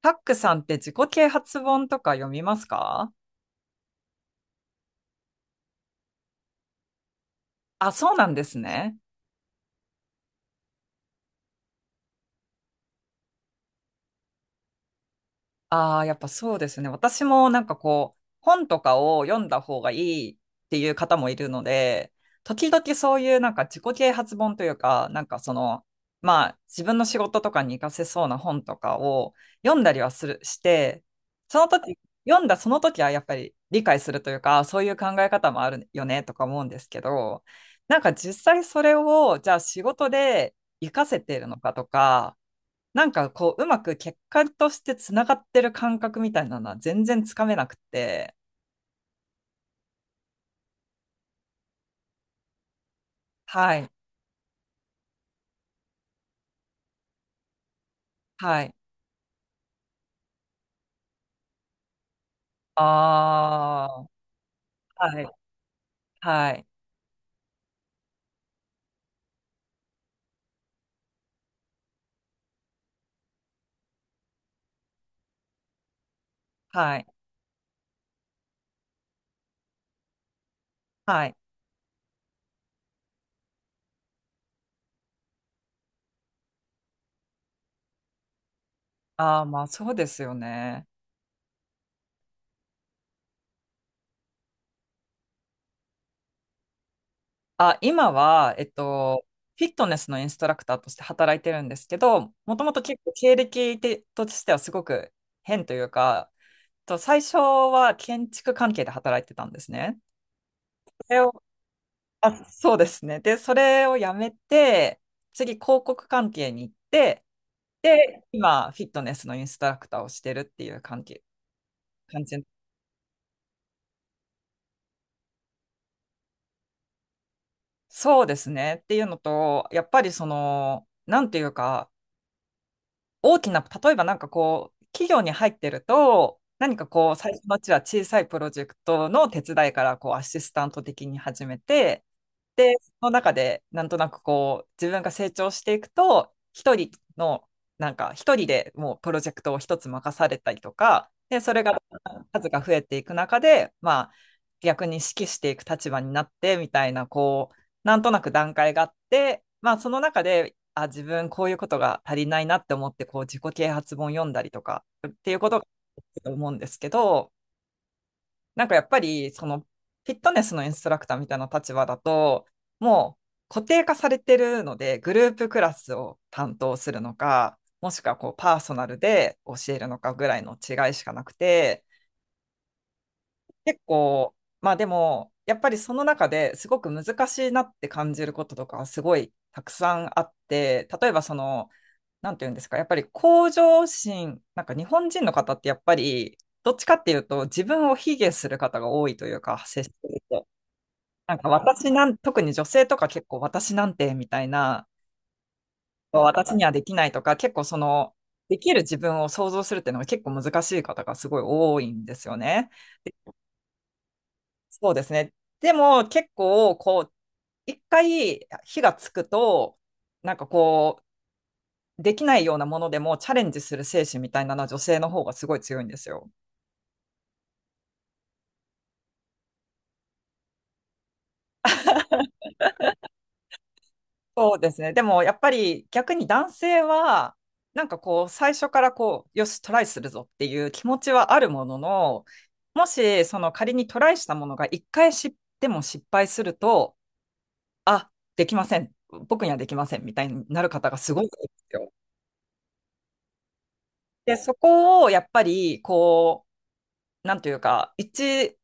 タックさんって自己啓発本とか読みますか？あ、そうなんですね。ああ、やっぱそうですね。私もこう、本とかを読んだ方がいいっていう方もいるので、時々そういう自己啓発本というか、まあ自分の仕事とかに活かせそうな本とかを読んだりはする、して、その時、読んだその時はやっぱり理解するというか、そういう考え方もあるよねとか思うんですけど、なんか実際それをじゃあ仕事で活かせているのかとか、うまく結果としてつながってる感覚みたいなのは全然つかめなくて。はい。はい。ああ。はい、はい、はい、はい。ああ、まあそうですよね。あ、今は、フィットネスのインストラクターとして働いてるんですけど、もともと結構経歴てとしてはすごく変というか、最初は建築関係で働いてたんですね。それを、あ、そうですね。で、それをやめて、次、広告関係に行って、で、今、フィットネスのインストラクターをしてるっていう関係、感じ。そうですね。っていうのと、やっぱりその、なんていうか、大きな、例えば企業に入ってると、何かこう、最初のうちは小さいプロジェクトの手伝いから、こう、アシスタント的に始めて、で、その中で、なんとなくこう、自分が成長していくと、一人の、なんか、一人でもうプロジェクトを一つ任されたりとか、で、それが数が増えていく中で、まあ、逆に指揮していく立場になってみたいな、こう、なんとなく段階があって、まあ、その中で、あ、自分こういうことが足りないなって思って、こう、自己啓発本読んだりとかっていうことがあると思うんですけど、なんかやっぱり、その、フィットネスのインストラクターみたいな立場だと、もう固定化されてるので、グループクラスを担当するのか、もしくはこうパーソナルで教えるのかぐらいの違いしかなくて、結構、まあでも、やっぱりその中ですごく難しいなって感じることとかはすごいたくさんあって、例えばその、なんていうんですか、やっぱり向上心、なんか日本人の方ってやっぱり、どっちかっていうと自分を卑下する方が多いというか、接してると。なんか私なん、特に女性とか結構私なんてみたいな、私にはできないとか、結構その、できる自分を想像するっていうのが結構難しい方がすごい多いんですよね。そうですね。でも結構こう一回火がつくとなんかこうできないようなものでもチャレンジする精神みたいなのは女性の方がすごい強いんですよ。そうですね。でもやっぱり逆に男性はなんかこう最初からこうよしトライするぞっていう気持ちはあるものの、もしその仮にトライしたものが一回しでも失敗すると、あ、できません僕にはできませんみたいになる方がすごい多いんですよ。で、そこをやっぱり、こう、なんというか、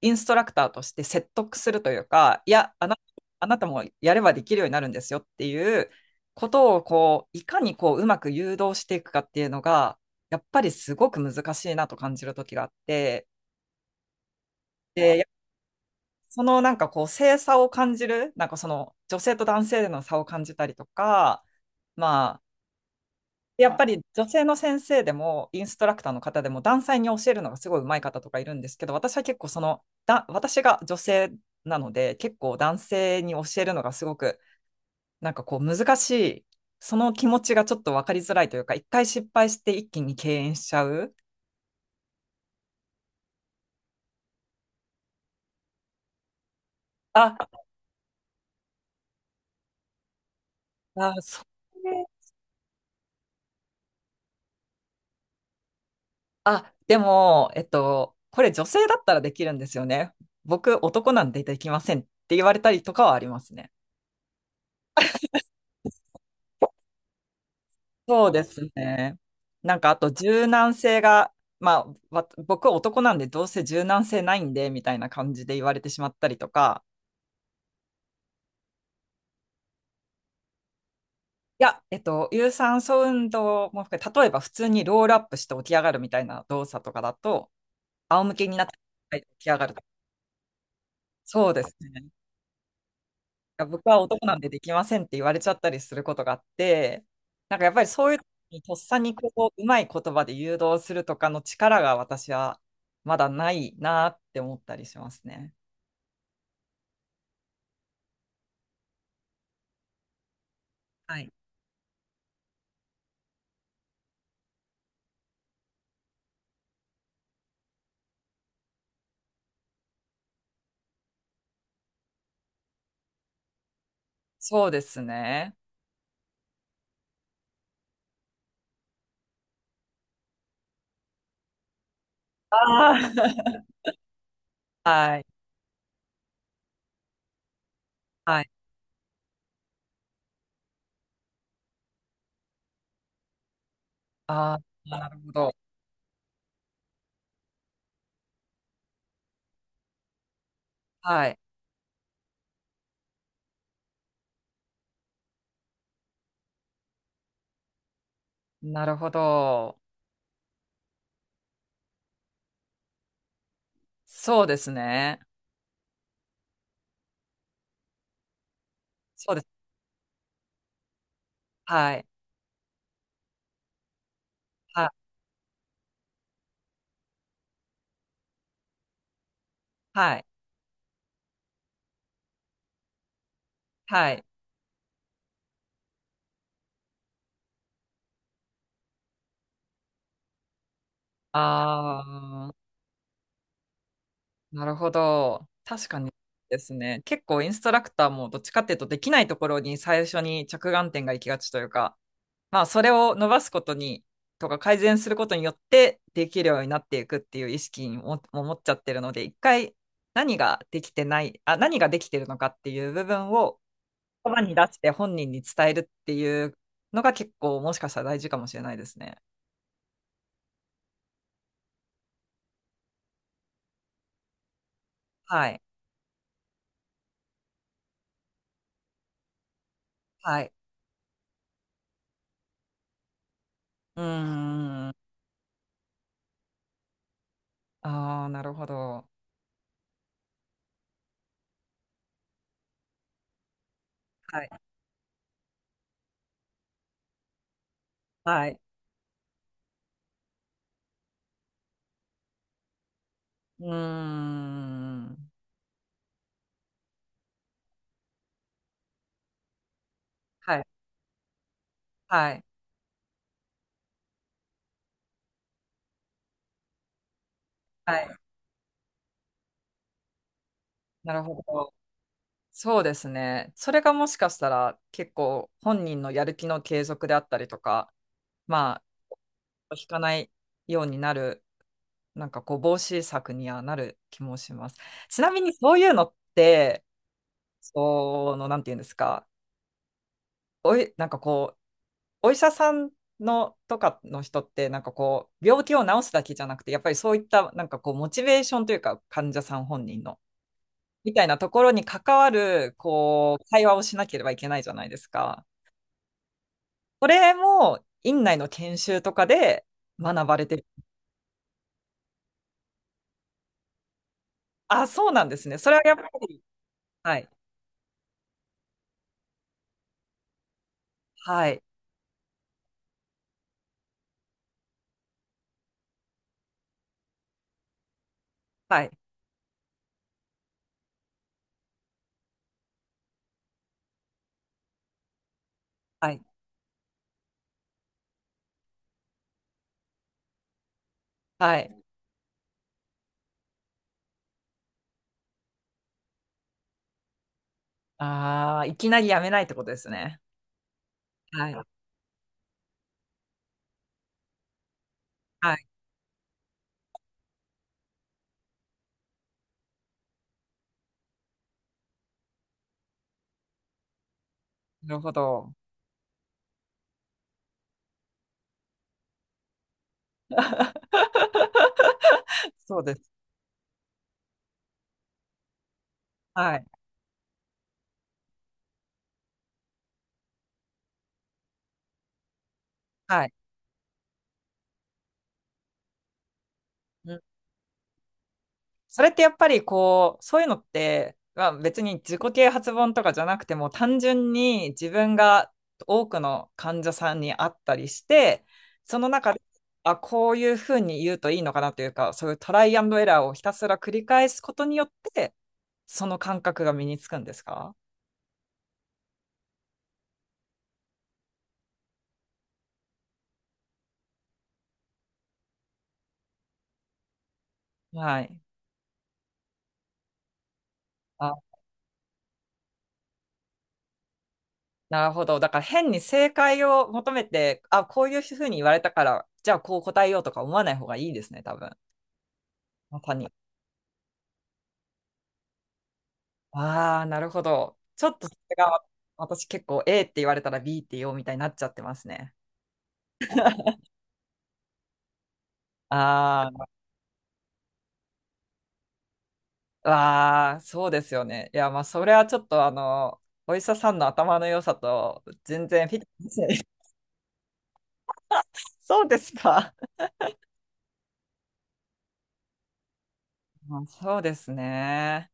インストラクターとして説得するというか、いや、あな、あなたもやればできるようになるんですよっていうことを、こう、いかにこう、うまく誘導していくかっていうのが、やっぱりすごく難しいなと感じる時があって、で、そのなんかこう、性差を感じる、なんかその女性と男性での差を感じたりとか、まあ、やっぱり女性の先生でも、インストラクターの方でも、男性に教えるのがすごい上手い方とかいるんですけど、私は結構その、私が女性なので、結構男性に教えるのがすごく、なんかこう難しい、その気持ちがちょっと分かりづらいというか、一回失敗して一気に敬遠しちゃう。あ、あ、そうね。あ、でも、えっと、これ女性だったらできるんですよね。僕、男なんでできませんって言われたりとかはありますね。そうですね。なんかあと柔軟性が、まあ、僕は男なんでどうせ柔軟性ないんでみたいな感じで言われてしまったりとか、いや、有酸素運動も含めて、例えば普通にロールアップして起き上がるみたいな動作とかだと、仰向けになって起き上がるとか。そうですね。が僕は男なんでできませんって言われちゃったりすることがあって、なんかやっぱりそういう時にとっさにこう、うまい言葉で誘導するとかの力が私はまだないなって思ったりしますね。はい。そうですね。あー。 はい。はい。ああ、なるほど。はい。なるほど。そうですね。そうです。はい。はい。はい。はい。ああ。なるほど。確かにですね。結構インストラクターもどっちかっていうとできないところに最初に着眼点が行きがちというか、まあそれを伸ばすことに、とか改善することによってできるようになっていくっていう意識にも持っちゃってるので、一回何ができてない、あ、何ができてるのかっていう部分を言葉に出して本人に伝えるっていうのが結構もしかしたら大事かもしれないですね。はい。はい。うーん。ああ、なるほど。はい。はい。うーん。はい。はい。はい。なるほど。そうですね。それがもしかしたら結構本人のやる気の継続であったりとか、まあ、引かないようになる、なんかこう、防止策にはなる気もします。ちなみにそういうのって、その、なんていうんですか、おい、なんかこう、お医者さんのとかの人って、なんかこう、病気を治すだけじゃなくて、やっぱりそういった、なんかこう、モチベーションというか、患者さん本人の、みたいなところに関わる、こう、会話をしなければいけないじゃないですか。これも、院内の研修とかで学ばれてる。あ、そうなんですね。それはやっぱり、はい、はい、はい、はい、はい。ああ、いきなりやめないってことですね。はい、はい、なるほど。そうです。はい、はい。うん。それってやっぱりこう、そういうのって、まあ、別に自己啓発本とかじゃなくても、単純に自分が多くの患者さんに会ったりして、その中で、あ、こういうふうに言うといいのかなというか、そういうトライアンドエラーをひたすら繰り返すことによって、その感覚が身につくんですか？はい。あ、なるほど。だから変に正解を求めて、あ、こういうふうに言われたから、じゃあこう答えようとか思わない方がいいですね、多分。まさに。ああ、なるほど。ちょっとそれが私結構 A って言われたら B って言おうみたいになっちゃってますね。ああ、わあ、そうですよね。いや、まあ、それはちょっとあの、お医者さんの頭の良さと全然フィットしないですね。そうですか。まあそうですね。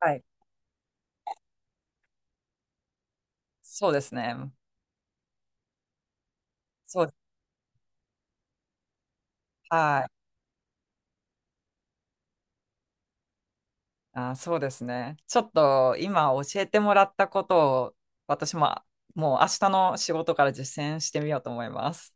はい。そうですね。そう、はい。あ、そうですね。ちょっと今教えてもらったことを私ももう明日の仕事から実践してみようと思います。